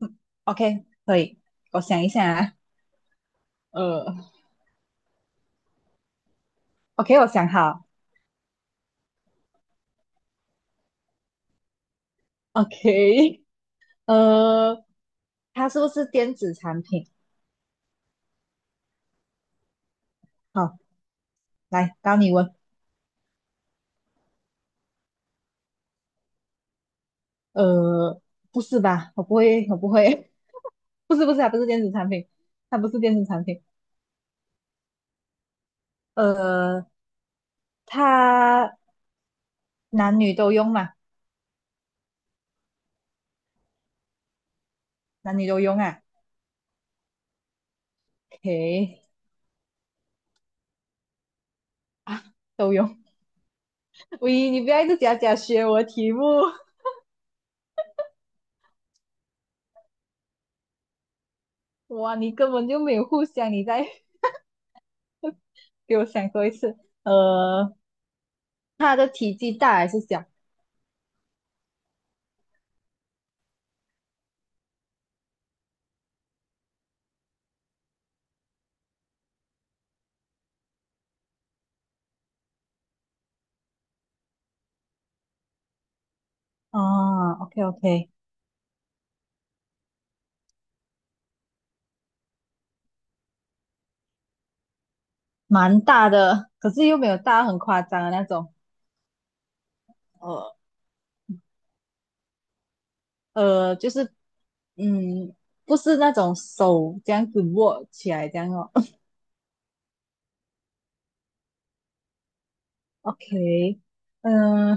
嗯。 OK，可以，我想一下啊。呃 OK，我想好。OK，呃，它是不是电子产品？好，来，到你问。呃，不是吧？我不会，我不会。不是，不是啊，它不是电子产品，它不是电子产品。呃，它男女都用嘛？男女都用啊？OK，啊，都用。喂，你不要一直假假学我的题目。哇，你根本就没有互相，你再 给我想多一次。呃，它的体积大还是小？啊，OK OK，蛮大的，可是又没有大很夸张的那种。就是，嗯，不是那种手这样子握起来这样哦。OK，嗯、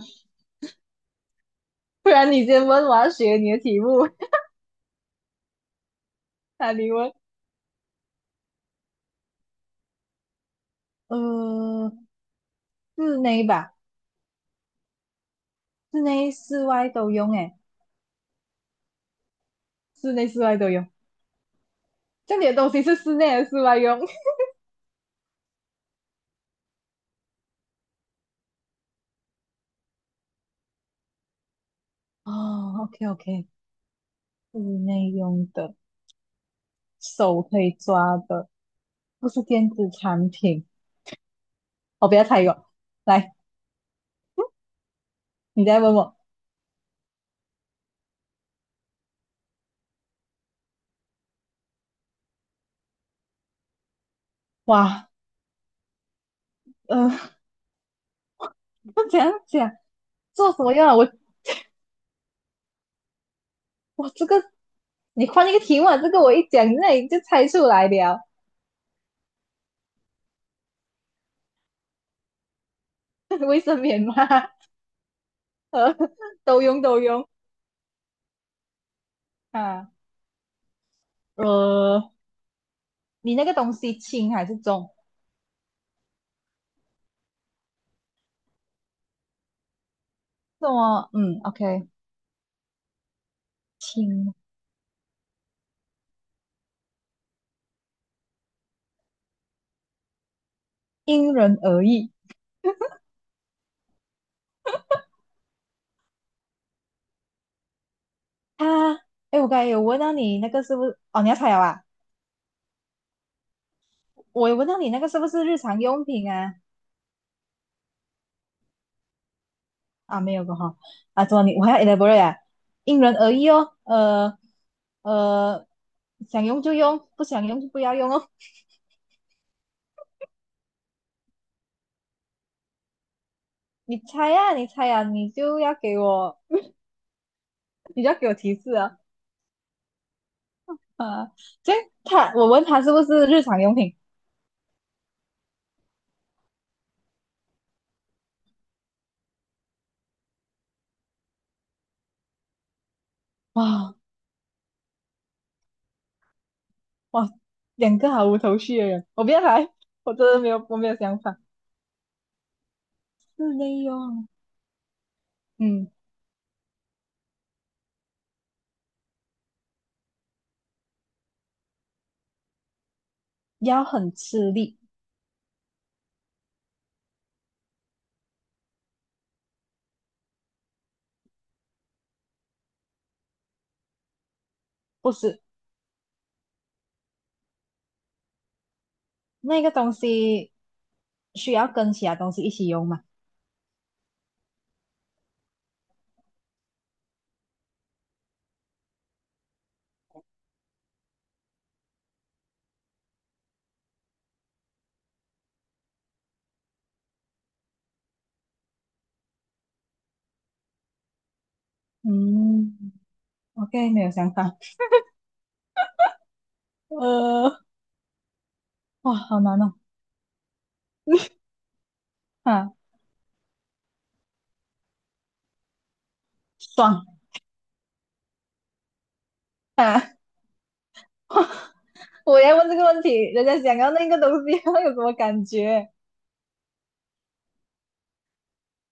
不然你先问，我要学你的题目。那你问，呃，室内吧，室内室外都用诶。室内，室外都用。这里的东西是室内还是室外用？哦，OK OK，室内用的，手可以抓的。不是电子产品。我不要猜一个，来，你再问我。哇，呃，怎样讲？做什么用啊？我这个，你换一个题目啊，这个我一讲，那你就猜出来了。卫生棉吗？都用都用啊。呃，你那个东西轻还是重？重么，嗯，OK，轻，因人而异。啊，哎，我刚才有问到你那个是不是？哦，你要猜了啊？我有问到你那个是不是日常用品啊？啊，没有过哈。啊，怎么你我还要 elaborate 啊？因人而异哦，呃，想用就用，不想用就不要用哦。你猜呀，你猜呀，你就要给我，你就要给我提示啊。啊，所以他，我问他是不是日常用品？哇，哇，两个毫无头绪的人，我不要来，我真的没有，我没有想法。室内用，嗯，要很吃力，不是？那个东西需要跟其他东西一起用嘛？嗯。OK，没有想法。呃，哇，好难哦。啊，爽啊！哇，我要问这个问题，人家想要那个东西，会有什么感觉？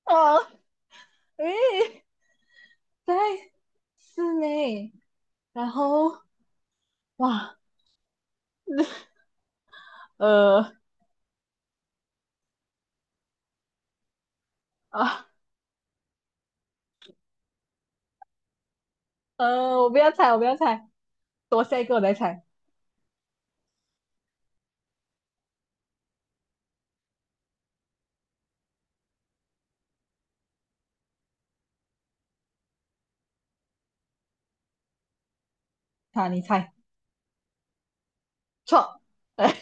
哦，诶，在室内，然后哇，呃啊我不要猜，我不要猜，多下一个我再猜。好，你猜错，哎，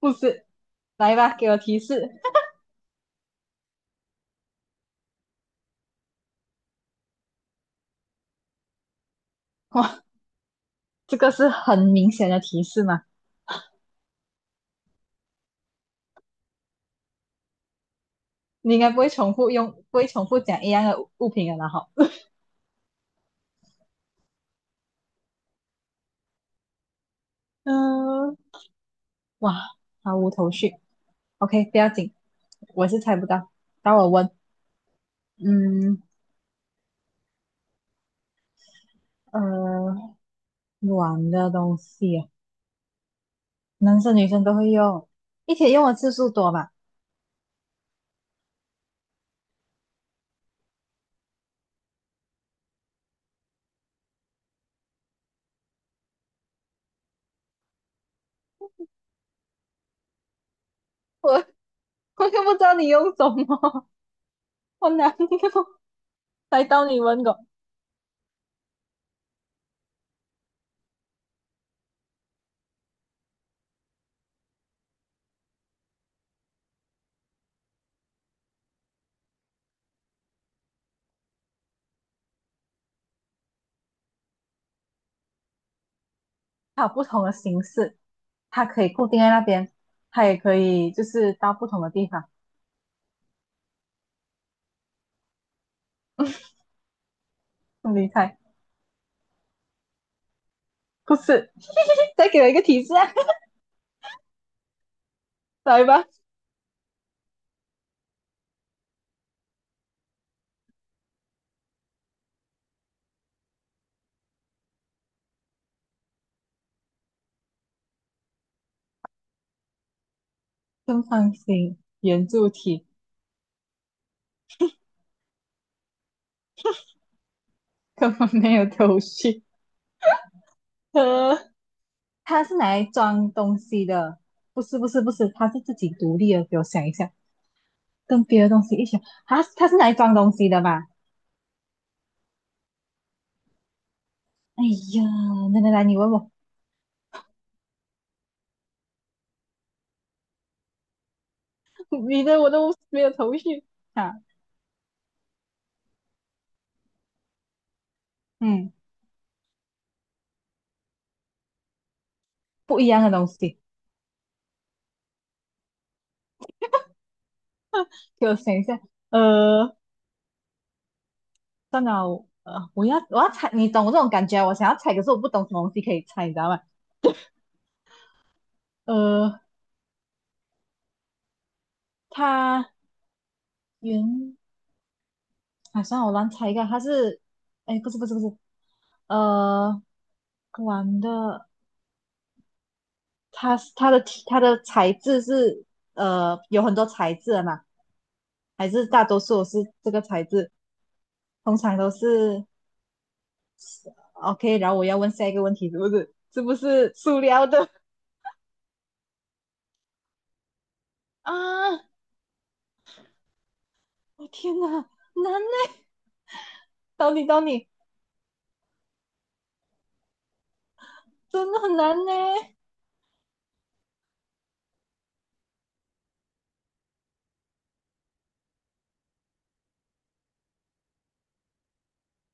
不是，来吧，给我提示。哇，这个是很明显的提示嘛？你应该不会重复用，不会重复讲一样的物品了，然后，嗯、呃哇，毫无头绪。OK，不要紧，我是猜不到。到我问，嗯，呃，软的东西啊，男生女生都会用，一天用的次数多吧？我我又不知道你用什么，我哪里用？来到你问过，它有不同的形式，它可以固定在那边，它也可以就是到不同的地方。你猜，不是？再给我一个提示啊，来吧，正方形圆柱体，根本没有头绪。呃它是拿来装东西的，不是不是不是，它是自己独立的。给我想一下，跟别的东西一起，它是拿来装东西的吧？哎呀，来来来，你问我。你的我都没有头绪啊。嗯，不一样的东西，给我想一下。呃，算了，我要猜，你懂我这种感觉啊，我想要猜，可是我不懂什么东西可以猜，你知道吗？呃，它原啊，算了，我乱猜一个，它是，哎，不是不是不是，呃，玩的。它它的它的材质是有很多材质的嘛，还是大多数是这个材质？通常都是， OK。然后我要问下一个问题，是不是塑料的啊？我天哪，难呢！到你，到你，真的很难呢。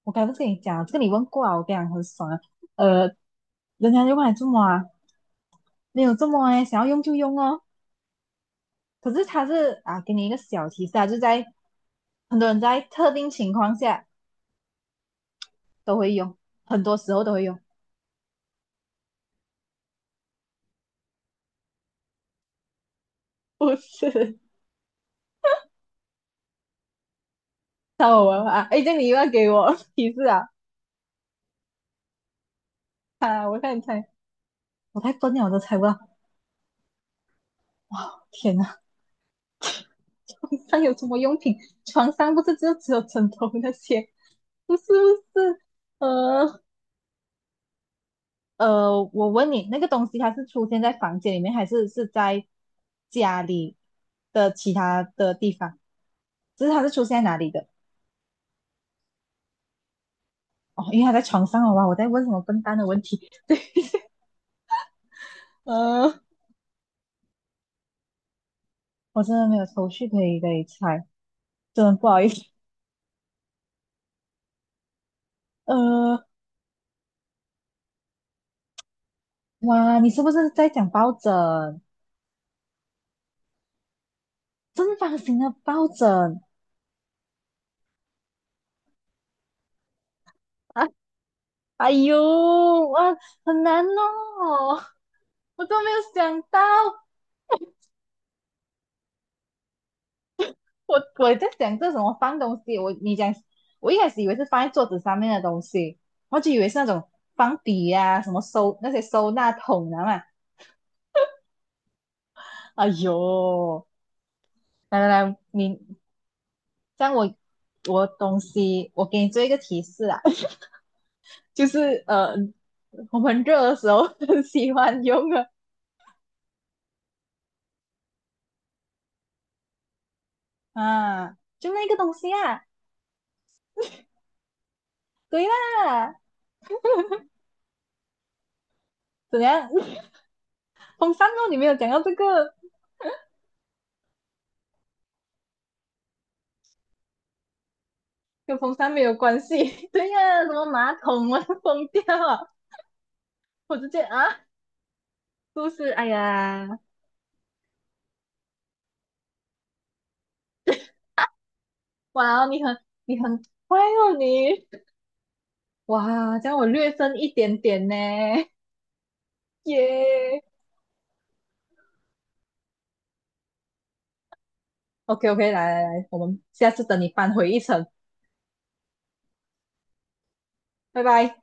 我刚刚不是跟你讲，这个你问过啊，我跟你讲很爽啊。呃，人家就问你做么啊？没有这么哎，想要用就用哦。可是它是啊，给你一个小提示啊，就在很多人在特定情况下都会用，很多时候都会用。不是，太我玩啊！哎，这样你又要给我 提示啊！啊，我看你猜，我太笨了，我都猜不到。天哪，床上有什么用品？床上不是就只有枕头那些？不是不是，呃我问你，那个东西它是出现在房间里面，还是是在家里的其他的地方？就是它是出现在哪里的？哦，因为它在床上，好吧，我在问什么笨蛋的问题？对，呃，我真的没有头绪可以给你猜，真的不好意思。呃，哇，你是不是在讲抱枕？正方形的抱枕啊？哎呦，哇，很难哦，我都没有想到，我在想这什么放东西，我你讲，我一开始以为是放在桌子上面的东西，我就以为是那种放笔呀，什么收那些收纳桶啊嘛。哎呦，来来来，你这样我，东西，我给你做一个提示啊。就是我们热的时候很喜欢用的啊，就那个东西啊。对啦，怎样？风扇哦，你没有讲到这个，跟风扇没有关系。对呀，什么马桶啊，疯掉啊，我直接啊，是不是？哎呀，哇哦，你很乖哦，你哇，这样我略胜一点点呢，耶。OK OK，来来来，我们下次等你扳回一城，拜拜。